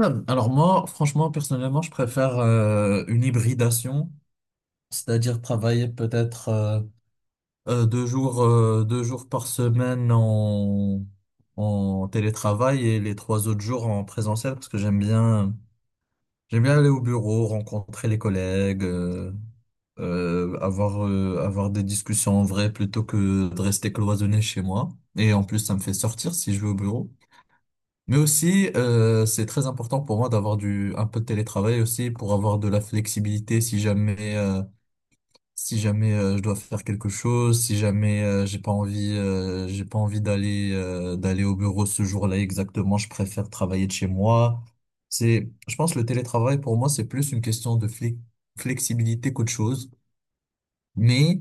Alors moi, franchement, personnellement, je préfère une hybridation, c'est-à-dire travailler peut-être deux jours, deux jours par semaine en télétravail et les trois autres jours en présentiel parce que j'aime bien aller au bureau, rencontrer les collègues, avoir des discussions en vrai plutôt que de rester cloisonné chez moi. Et en plus, ça me fait sortir si je vais au bureau. Mais aussi, c'est très important pour moi d'avoir du un peu de télétravail aussi pour avoir de la flexibilité si jamais je dois faire quelque chose, si jamais j'ai pas envie d'aller au bureau ce jour-là exactement, je préfère travailler de chez moi. Je pense que le télétravail pour moi c'est plus une question de flexibilité qu'autre chose, mais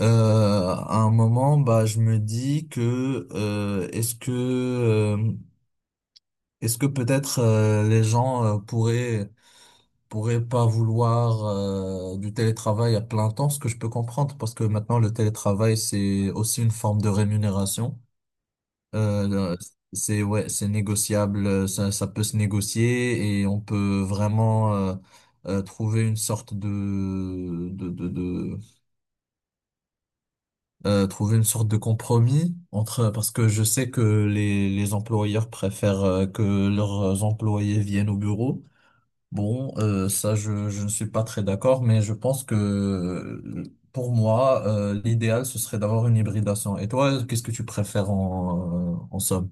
à un moment, bah, je me dis que est-ce que est-ce que peut-être les gens pourraient pas vouloir du télétravail à plein temps, ce que je peux comprendre, parce que maintenant le télétravail c'est aussi une forme de rémunération. Euh, le- c'est ouais, c'est négociable, ça peut se négocier et on peut vraiment trouver une sorte de trouver une sorte de compromis entre parce que je sais que les employeurs préfèrent que leurs employés viennent au bureau. Bon, je ne suis pas très d'accord, mais je pense que pour moi, l'idéal, ce serait d'avoir une hybridation. Et toi, qu'est-ce que tu préfères en somme?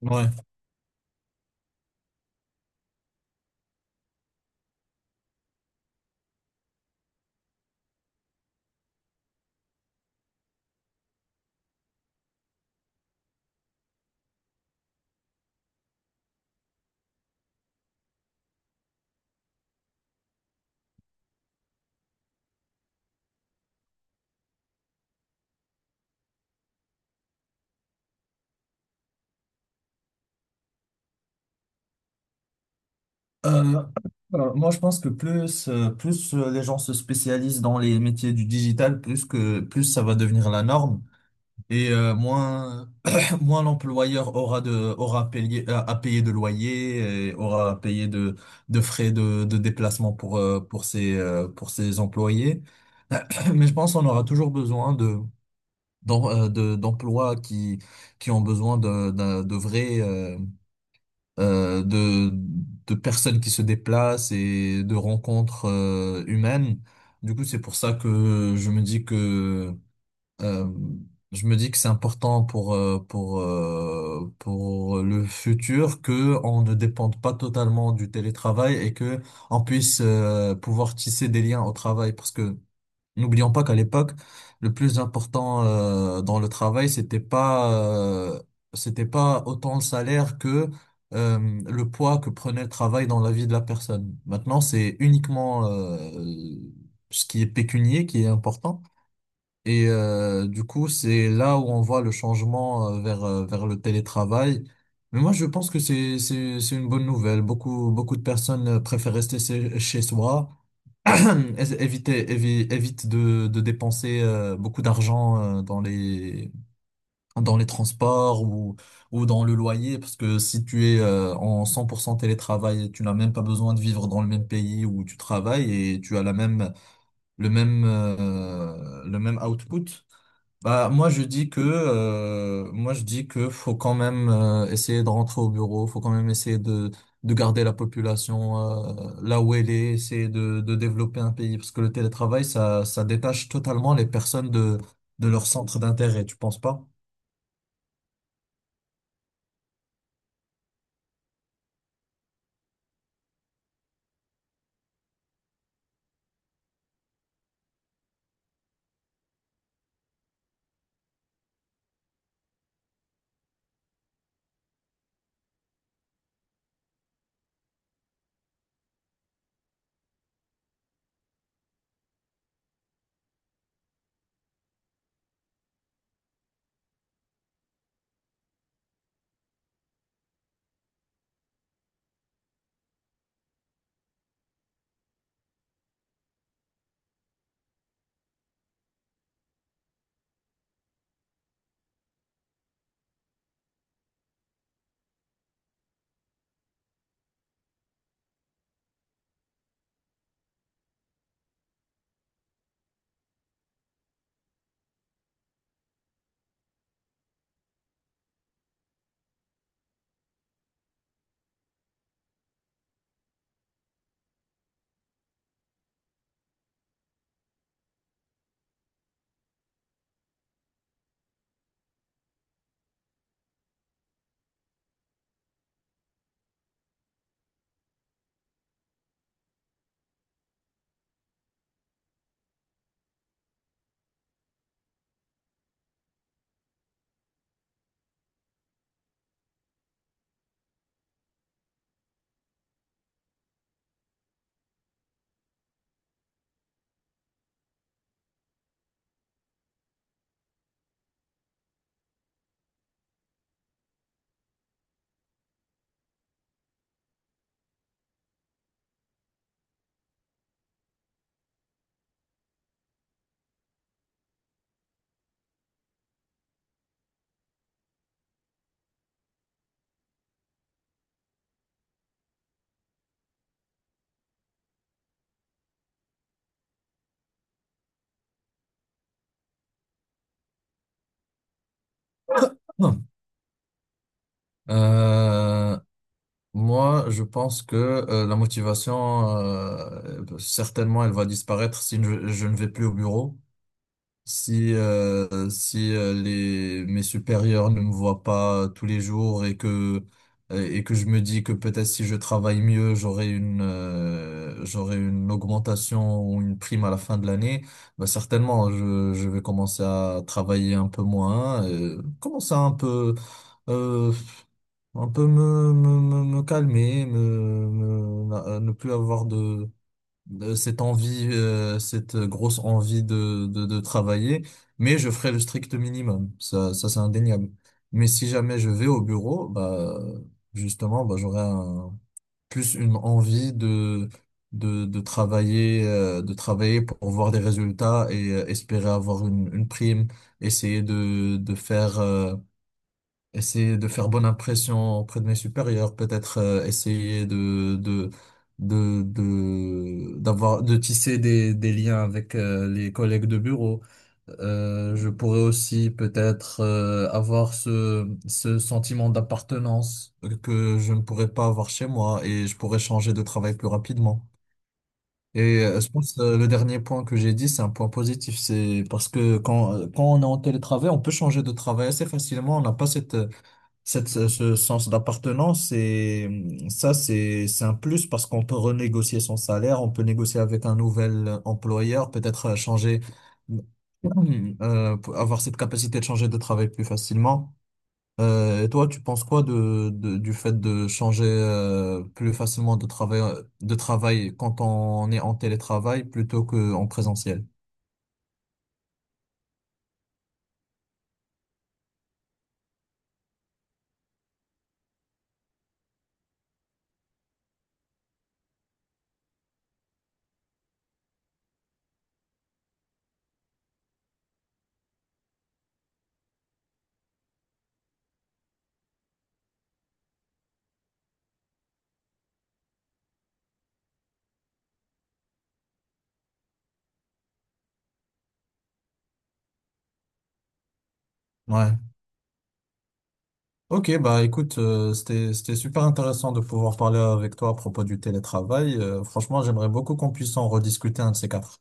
Ouais. Euh, Moi, je pense que plus, plus les gens se spécialisent dans les métiers du digital, plus ça va devenir la norme. Et moins, moins l'employeur aura aura à payer de loyer et aura à payer de frais de déplacement pour pour ses employés. Mais je pense qu'on aura toujours besoin d'emplois qui ont besoin de vrais, euh, de, de personnes qui se déplacent et de rencontres, humaines. Du coup, c'est pour ça que euh, je me dis que c'est important pour pour le futur que on ne dépende pas totalement du télétravail et que on puisse pouvoir tisser des liens au travail parce que n'oublions pas qu'à l'époque le plus important dans le travail c'était pas autant le salaire que le poids que prenait le travail dans la vie de la personne. Maintenant, c'est uniquement ce qui est pécunier qui est important. Et du coup, c'est là où on voit le changement vers le télétravail. Mais moi, je pense que c'est une bonne nouvelle. Beaucoup, beaucoup de personnes préfèrent rester chez soi, évite de dépenser beaucoup d'argent dans dans les transports ou dans le loyer, parce que si tu es en 100% télétravail, tu n'as même pas besoin de vivre dans le même pays où tu travailles et tu as la même, le même, le même output. Bah, moi je dis que faut quand même essayer de rentrer au bureau, faut quand même essayer de garder la population là où elle est, essayer de développer un pays parce que le télétravail ça détache totalement les personnes de leur centre d'intérêt, tu penses pas? Non. Euh, Moi je pense que la motivation certainement elle va disparaître si je ne vais plus au bureau. Si, si Les, mes supérieurs ne me voient pas tous les jours et que je me dis que peut-être si je travaille mieux, j'aurai une augmentation ou une prime à la fin de l'année, bah certainement, je vais commencer à travailler un peu moins, commencer à euh, un peu me calmer, ne plus avoir de cette envie, cette grosse envie de travailler, mais je ferai le strict minimum. Ça c'est indéniable. Mais si jamais je vais au bureau, bah, justement, bah, plus une envie de travailler pour voir des résultats et espérer avoir une prime, essayer essayer de faire bonne impression auprès de mes supérieurs, peut-être essayer de d'avoir de tisser des liens avec les collègues de bureau. Je pourrais aussi peut-être avoir ce sentiment d'appartenance que je ne pourrais pas avoir chez moi et je pourrais changer de travail plus rapidement. Et je pense le dernier point que j'ai dit, c'est un point positif, c'est parce que quand on est en télétravail, on peut changer de travail assez facilement, on n'a pas cette ce sens d'appartenance, c'est un plus parce qu'on peut renégocier son salaire, on peut négocier avec un nouvel employeur, peut-être pour avoir cette capacité de changer de travail plus facilement. Et toi, tu penses quoi du fait de changer, plus facilement de travail quand on est en télétravail plutôt qu'en présentiel? Ouais. Ok, bah écoute, c'était super intéressant de pouvoir parler avec toi à propos du télétravail. Franchement, j'aimerais beaucoup qu'on puisse en rediscuter un de ces quatre.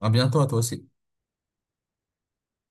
À bientôt à toi aussi.